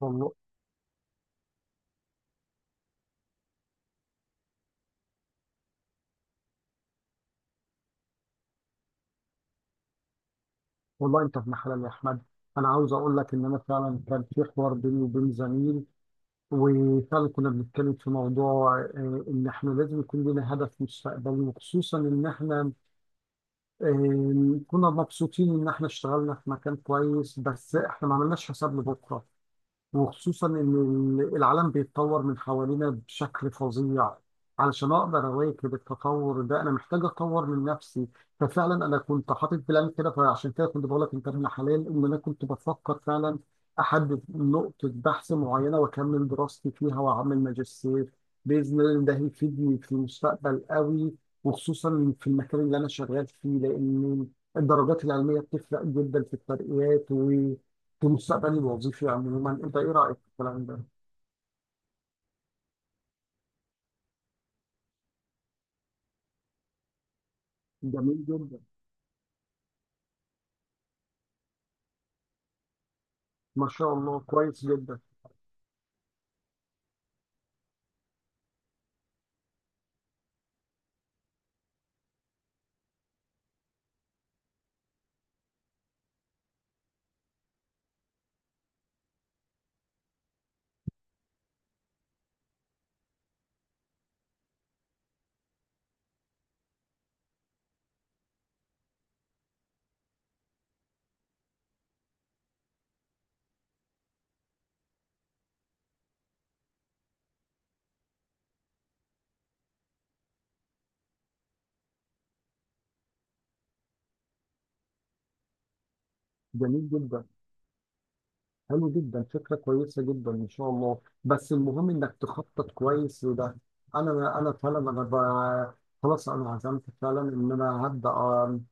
والله والله انت في محل يا احمد. انا عاوز اقول لك ان انا فعلا كان في حوار بيني وبين زميل، وفعلا كنا بنتكلم في موضوع ان احنا لازم يكون لنا هدف مستقبلي، وخصوصا ان احنا كنا مبسوطين ان احنا اشتغلنا في مكان كويس، بس احنا ما عملناش حساب لبكره، وخصوصا ان العالم بيتطور من حوالينا بشكل فظيع. علشان اقدر اواكب التطور ده انا محتاج اطور من نفسي. ففعلا انا كنت حاطط بلان كده، فعشان كده كنت بقول لك انت ابن حلال ان انا كنت بفكر فعلا احدد نقطة بحث معينة واكمل دراستي فيها واعمل ماجستير، باذن الله ده هيفيدني في المستقبل قوي، وخصوصا في المكان اللي انا شغال فيه لان الدرجات العلمية بتفرق جدا في الترقيات في مستقبلي الوظيفي عموما. انت ايه رايك في الكلام ده؟ جميل جدا. ما شاء الله كويس جدا. جميل جدا. حلو جدا فكره كويسه جدا ما شاء الله، بس المهم انك تخطط كويس لده. انا فعلا انا خلاص انا عزمت فعلا ان انا هبدا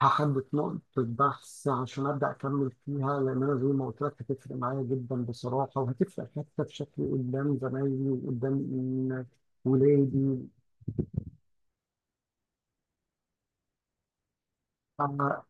هحدد نقطه بحث عشان ابدا اكمل فيها، لان انا زي ما قلت لك هتفرق معايا جدا بصراحه، وهتفرق حتى في شكلي قدام زمايلي وقدام ولادي. آه،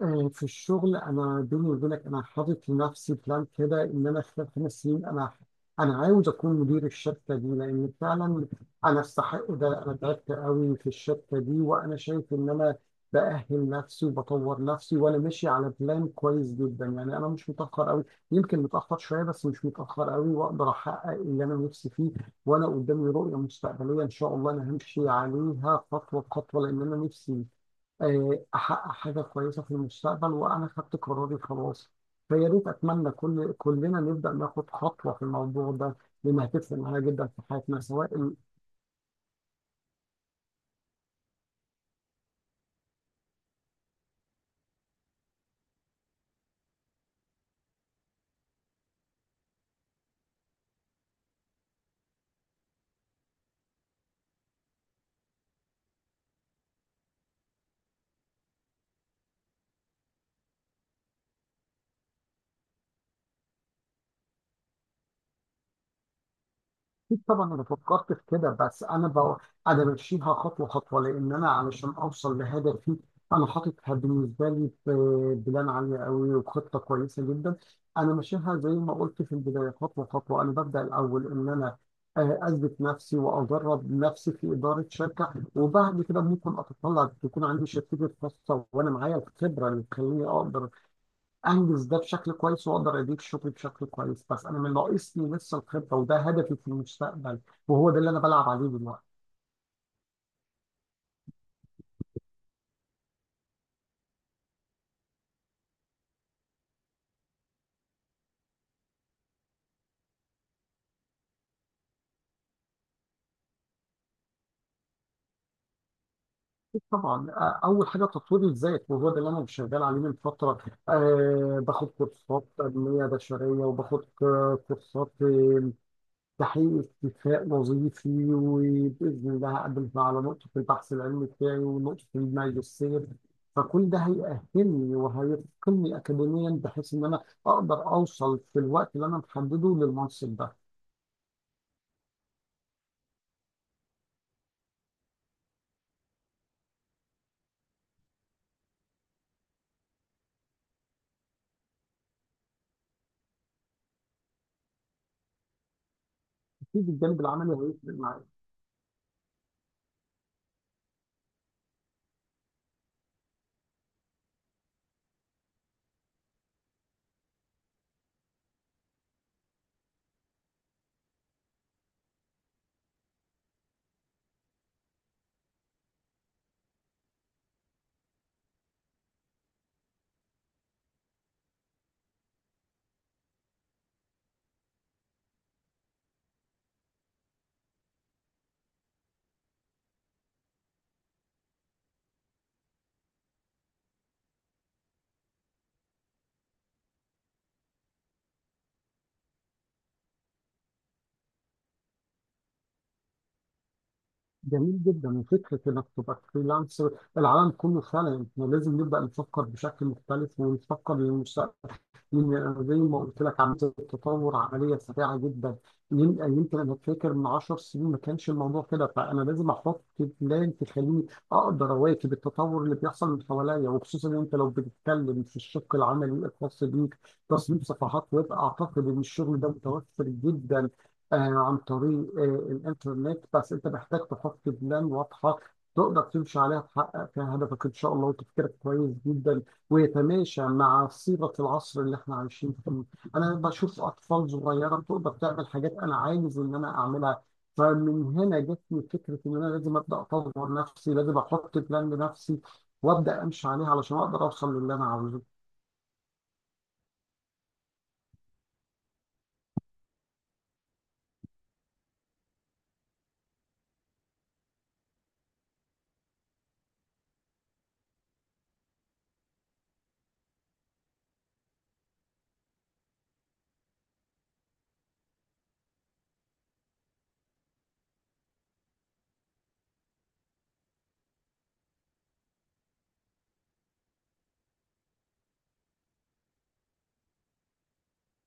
في الشغل انا بيني وبينك انا حاطط لنفسي بلان كده ان انا خلال خمس سنين انا عاوز اكون مدير الشركه دي، لان فعلا انا استحق ده، انا تعبت قوي في الشركه دي وانا شايف ان انا باهل نفسي وبطور نفسي، وانا ماشي على بلان كويس جدا. يعني انا مش متاخر قوي، يمكن متاخر شويه بس مش متاخر قوي، واقدر احقق اللي انا نفسي فيه. وانا قدامي رؤيه مستقبليه ان شاء الله انا همشي عليها خطوه بخطوه، لان انا نفسي احقق حاجه كويسه في المستقبل، وانا خدت قراري خلاص. فيا ريت اتمنى كل كلنا نبدا ناخد خطوه في الموضوع ده، لانها هتفرق معانا جدا في حياتنا سواء. أكيد طبعا انا فكرت في كده، بس انا انا بمشيها خطوه خطوه، لان انا علشان اوصل لهدفي انا حاططها بالنسبه لي في بلان عاليه قوي وخطه كويسه جدا. انا ماشيها زي ما قلت في البدايه خطوه خطوه، انا ببدا الاول ان انا اثبت نفسي واجرب نفسي في اداره شركه، وبعد كده ممكن اتطلع تكون عندي شركتي الخاصه وانا معايا الخبره اللي تخليني اقدر انجز ده بشكل كويس، واقدر اديك شغلي بشكل كويس، بس انا من ناقصني لسه الخبره، وده هدفي في المستقبل وهو ده اللي انا بلعب عليه دلوقتي. طبعا اول حاجه تطوير الذات، وهو ده اللي انا شغال عليه من فتره. أه باخد كورسات تنميه بشريه، وباخد كورسات تحقيق اكتفاء وظيفي، وبإذن الله هقدم على نقطة البحث العلمي بتاعي ونقطة الماجستير. فكل ده هيأهلني وهيتقني أكاديميا بحيث إن أنا أقدر أوصل في الوقت اللي أنا محدده للمنصب ده. أكيد الجانب العملي هيفرق معايا. جميل جدا وفكرة انك تبقى فريلانسر، العالم كله فعلا احنا لازم نبدأ نفكر بشكل مختلف ونفكر للمستقبل، لأن زي ما قلت لك عملية التطور عملية سريعة جدا. يمكن انا فاكر من 10 سنين ما كانش الموضوع كده، فانا لازم احط بلان تخليني اقدر اواكب التطور اللي بيحصل من حواليا. وخصوصا انت لو بتتكلم في الشق العملي الخاص بيك، تصميم صفحات ويب، اعتقد ان الشغل ده متوفر جدا آه، عن طريق الإنترنت، بس أنت محتاج تحط بلان واضحة تقدر تمشي عليها تحقق فيها هدفك إن شاء الله. وتفكيرك كويس جدا ويتماشى مع صيغة العصر اللي إحنا عايشين فيه. أنا بشوف أطفال صغيرة تقدر تعمل حاجات أنا عايز إن أنا أعملها، فمن هنا جت لي فكرة إن أنا لازم أبدأ أطور نفسي، لازم أحط بلان لنفسي وأبدأ أمشي عليها علشان أقدر أوصل للي أنا عاوزه.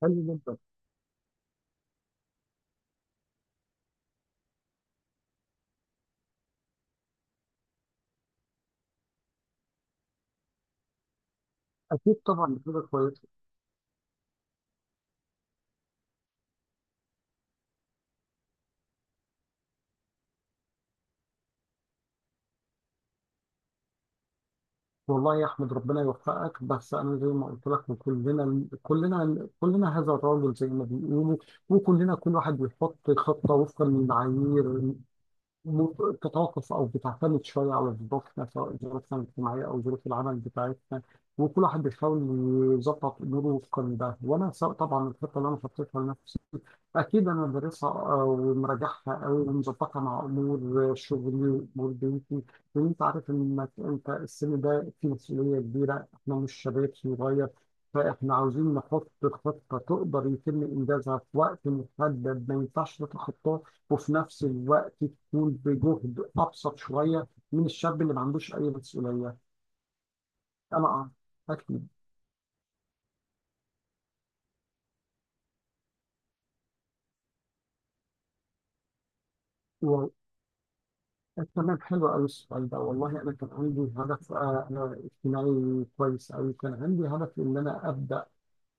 حلو جدا. أكيد طبعا دي حاجة كويسة. والله يا احمد ربنا يوفقك، بس انا زي ما قلت لك كلنا كلنا كلنا هذا الرجل زي ما بيقولوا، وكلنا كل واحد بيحط خطه وفقا للمعايير، م- تتوقف او بتعتمد شويه على ظروفنا، سواء ظروفنا الاجتماعيه او ظروف العمل بتاعتنا. وكل واحد بيحاول يظبط اموره وفقا لده، وانا سواء طبعا الخطه اللي انا حطيتها لنفسي أكيد أنا بدرسها ومراجعها أوي ومظبطها مع أمور شغلي وأمور بيتي، لأن أنت عارف إنك أنت السن ده فيه مسؤولية كبيرة، إحنا مش شباب صغير. فإحنا عاوزين نحط خطة تقدر يتم إنجازها في وقت محدد ما ينفعش تتخطاه، وفي نفس الوقت تكون بجهد أبسط شوية من الشاب اللي ما عندوش أي مسؤولية. أنا أكيد. تمام حلو قوي السؤال ده، والله انا كان عندي هدف انا اجتماعي كويس قوي، كان عندي هدف ان انا ابدا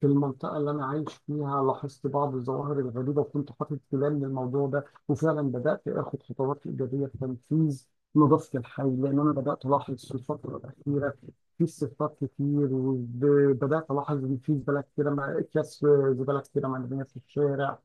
في المنطقة اللي أنا عايش فيها، لاحظت بعض الظواهر الغريبة وكنت حاطط بلان للموضوع ده، وفعلا بدأت آخد خطوات إيجابية في تنفيذ نظافة الحي. لأن أنا بدأت ألاحظ في الفترة الأخيرة في صفات كتير، وبدأت ألاحظ إن في زبالة كتيرة أكياس زبالة كتيرة مرمية في الشارع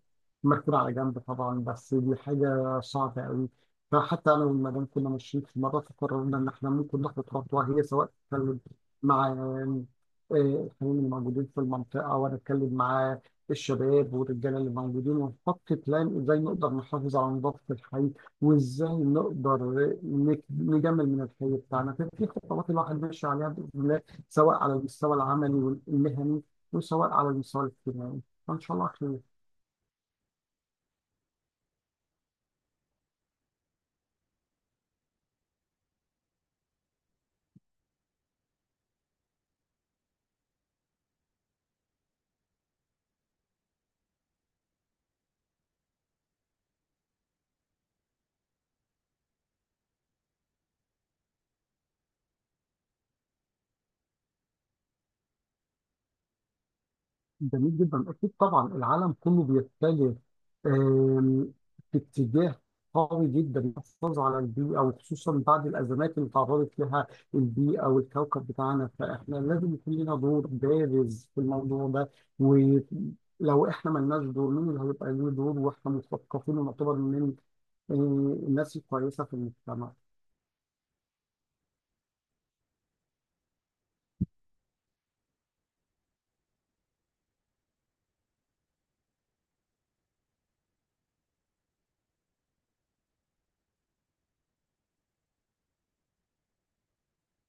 مركونة على جنب طبعا، بس دي حاجة صعبة أوي. فحتى أنا والمدام كنا ماشيين في مرة، فقررنا إن إحنا ممكن ناخد خطوة، هي سواء تتكلم مع الفنانين الموجودين في المنطقة، ونتكلم مع الشباب والرجالة اللي موجودين، ونحط بلان ازاي نقدر نحافظ على نظافة الحي، وازاي نقدر نجمل من الحي بتاعنا. ففي خطوات الواحد ماشي عليها بإذن الله، سواء على المستوى العملي والمهني، وسواء على المستوى الاجتماعي، فإن شاء الله خير. جميل جدا. اكيد طبعا العالم كله بيتجه آم، في اتجاه قوي جدا للحفاظ على البيئه، وخصوصا بعد الازمات اللي تعرضت لها البيئه والكوكب بتاعنا، فاحنا لازم يكون لنا دور بارز في الموضوع ده. ولو احنا ما لناش دور مين اللي هيبقى له دور، واحنا مثقفين ونعتبر من آه، الناس الكويسه في المجتمع.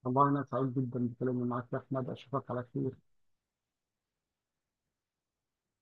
والله انا سعيد جدا بكلامي معاك يا احمد، اشوفك على خير.